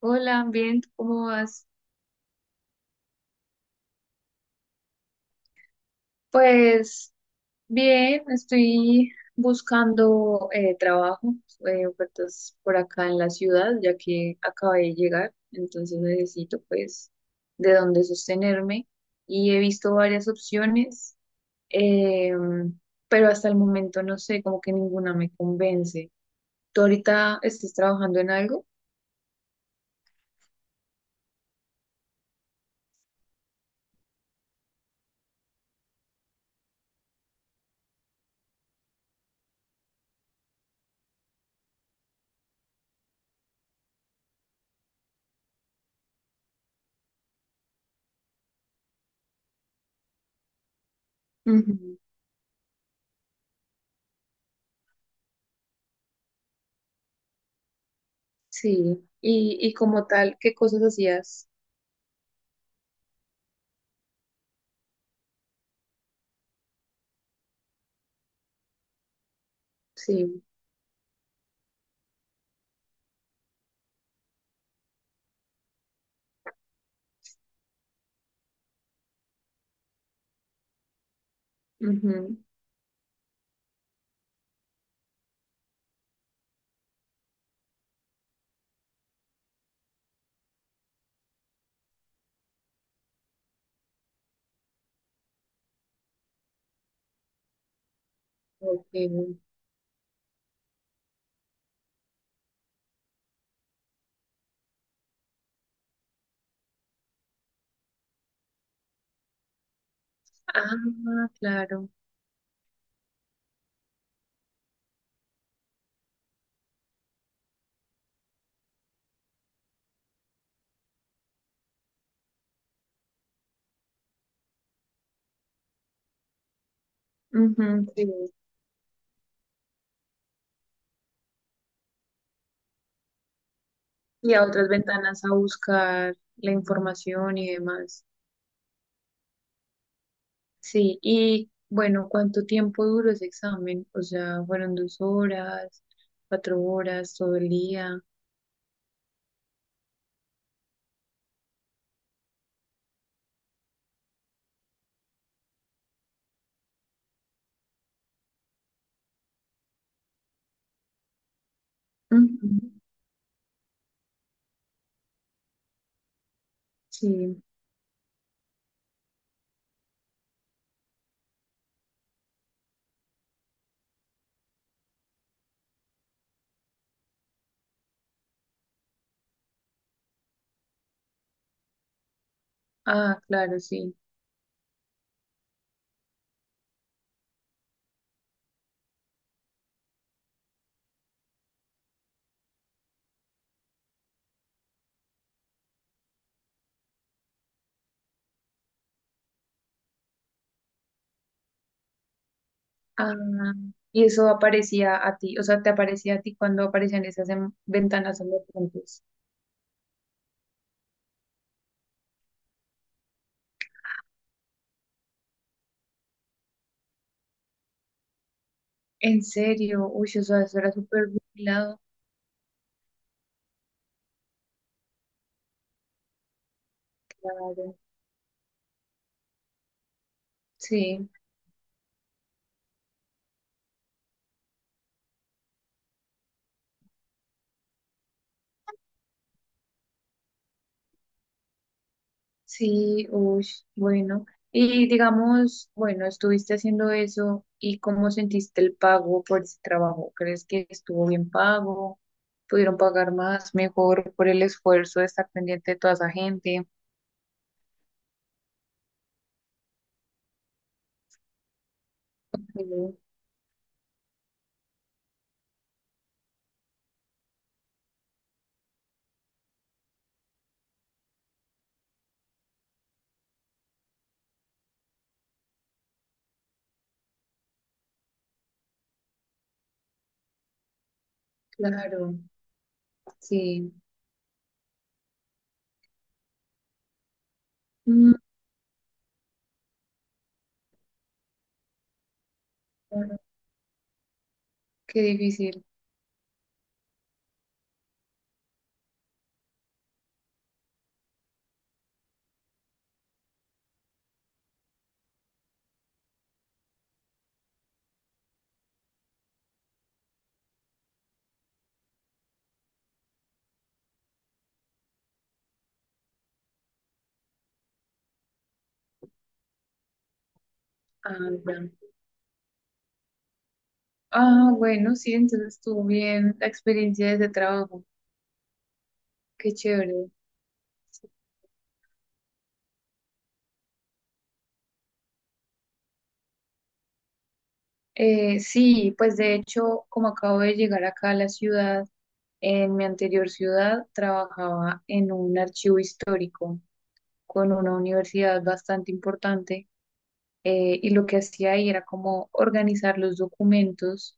Hola, bien, ¿tú ¿cómo vas? Pues bien, estoy buscando trabajo, ofertas por acá en la ciudad, ya que acabé de llegar, entonces necesito pues de dónde sostenerme y he visto varias opciones, eh, pero hasta el momento no sé, como que ninguna me convence. ¿Tú ahorita estás trabajando en algo? Ujú. Sí, y como tal, ¿qué cosas hacías? Sí. Ujú. Ok. Ah, claro. Ujú, sí. Y a otras ventanas a buscar la información y demás. Sí, y bueno, ¿cuánto tiempo duró ese examen? O sea, ¿fueron dos horas, cuatro horas, todo el día? Ujú. Sí. Ah, claro, sí. Ah, ¿y eso aparecía a ti? O sea, ¿te aparecía a ti cuando aparecían esas ventanas en los puntos? En serio, uy, o sea, eso era súper vigilado. Claro, sí. Sí, uy, bueno. Y digamos, bueno, estuviste haciendo eso y ¿cómo sentiste el pago por ese trabajo? ¿Crees que estuvo bien pago? ¿Pudieron pagar más, mejor por el esfuerzo de estar pendiente de toda esa gente? Sí, claro, sí. Mm, claro, qué difícil. Ah, ya. Ah, bueno, sí, entonces estuvo bien la experiencia de ese trabajo. Qué chévere. Sí, pues de hecho, como acabo de llegar acá a la ciudad, en mi anterior ciudad trabajaba en un archivo histórico con una universidad bastante importante. Y lo que hacía ahí era como organizar los documentos,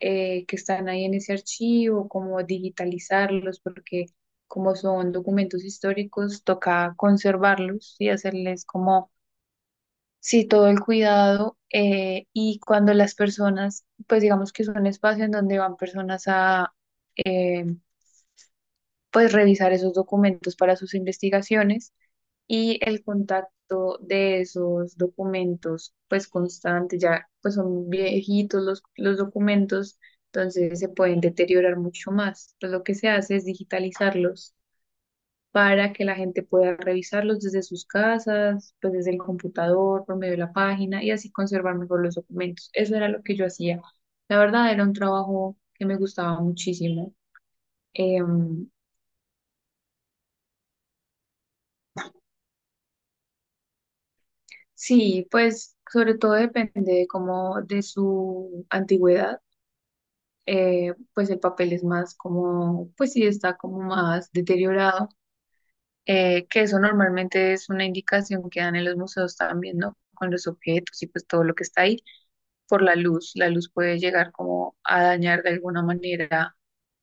que están ahí en ese archivo, como digitalizarlos, porque como son documentos históricos, toca conservarlos y hacerles como sí, todo el cuidado. Y cuando las personas, pues digamos que es un espacio en donde van personas a eh, pues revisar esos documentos para sus investigaciones y el contacto de esos documentos pues constante, ya pues son viejitos los documentos, entonces se pueden deteriorar mucho más. Entonces, lo que se hace es digitalizarlos para que la gente pueda revisarlos desde sus casas, pues desde el computador, por medio de la página y así conservar mejor los documentos. Eso era lo que yo hacía. La verdad era un trabajo que me gustaba muchísimo. Em, sí, pues sobre todo depende de cómo de su antigüedad. Pues el papel es más como, pues sí está como más deteriorado, que eso normalmente es una indicación que dan en los museos también, ¿no? Con los objetos y pues todo lo que está ahí por la luz. La luz puede llegar como a dañar de alguna manera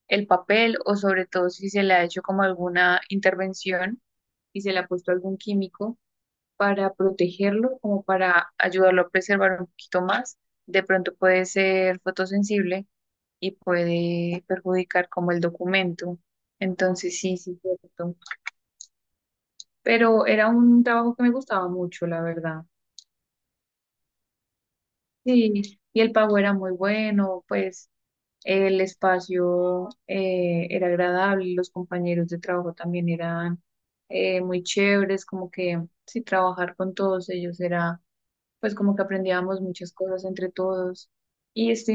el papel o sobre todo si se le ha hecho como alguna intervención y se le ha puesto algún químico para protegerlo, como para ayudarlo a preservar un poquito más. De pronto puede ser fotosensible y puede perjudicar como el documento. Entonces sí, sí, cierto. Pero era un trabajo que me gustaba mucho, la verdad. Sí, y el pago era muy bueno, pues. El espacio era agradable, los compañeros de trabajo también eran muy chéveres, como que sí, trabajar con todos ellos era, pues como que aprendíamos muchas cosas entre todos. Y este,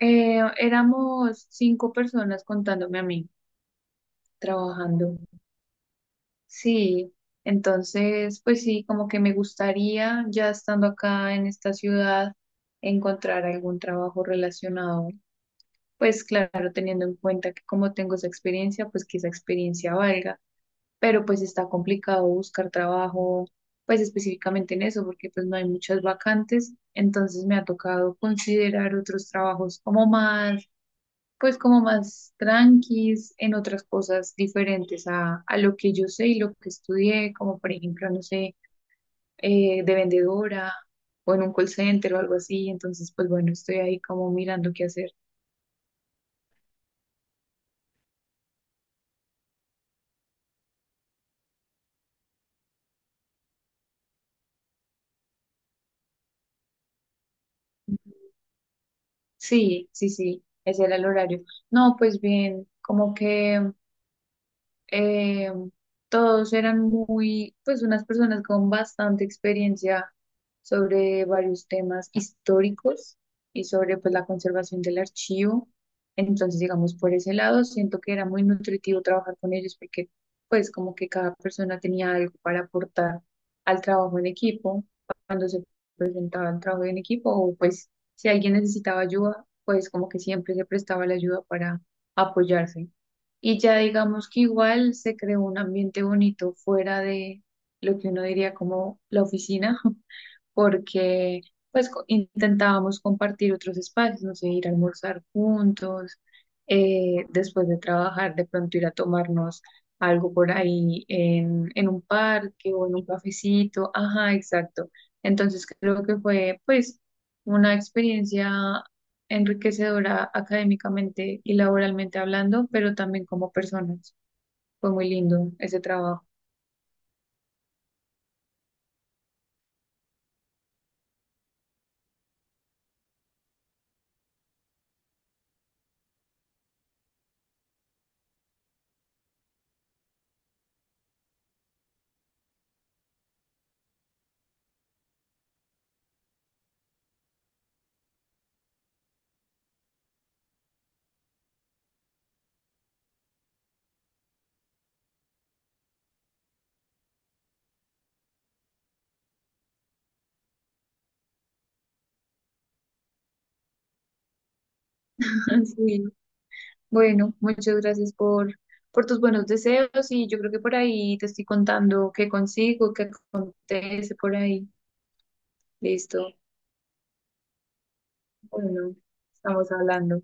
éramos cinco personas contándome a mí, trabajando. Sí, entonces, pues sí, como que me gustaría, ya estando acá en esta ciudad, encontrar algún trabajo relacionado. Pues claro, teniendo en cuenta que como tengo esa experiencia, pues que esa experiencia valga, pero pues está complicado buscar trabajo, pues específicamente en eso, porque pues no hay muchas vacantes, entonces me ha tocado considerar otros trabajos como más, pues como más tranquis, en otras cosas diferentes a, lo que yo sé y lo que estudié, como por ejemplo, no sé, de vendedora o en un call center o algo así, entonces pues bueno, estoy ahí como mirando qué hacer. Sí, sí, sí, ese era el horario. No, pues bien, como que eh, todos eran muy, pues unas personas con bastante experiencia sobre varios temas históricos y sobre pues la conservación del archivo. Entonces, digamos, por ese lado, siento que era muy nutritivo trabajar con ellos porque pues como que cada persona tenía algo para aportar al trabajo en equipo, cuando se presentaba el trabajo en equipo o pues si alguien necesitaba ayuda, pues como que siempre se prestaba la ayuda para apoyarse. Y ya digamos que igual se creó un ambiente bonito fuera de lo que uno diría como la oficina, porque pues intentábamos compartir otros espacios, no sé, ir a almorzar juntos, después de trabajar, de pronto ir a tomarnos algo por ahí en, un parque o en un cafecito, ajá, exacto. Entonces creo que fue pues una experiencia enriquecedora académicamente y laboralmente hablando, pero también como personas. Fue muy lindo ese trabajo. Sí. Bueno, muchas gracias por, tus buenos deseos y yo creo que por ahí te estoy contando qué consigo, qué acontece por ahí. Listo. Bueno, estamos hablando.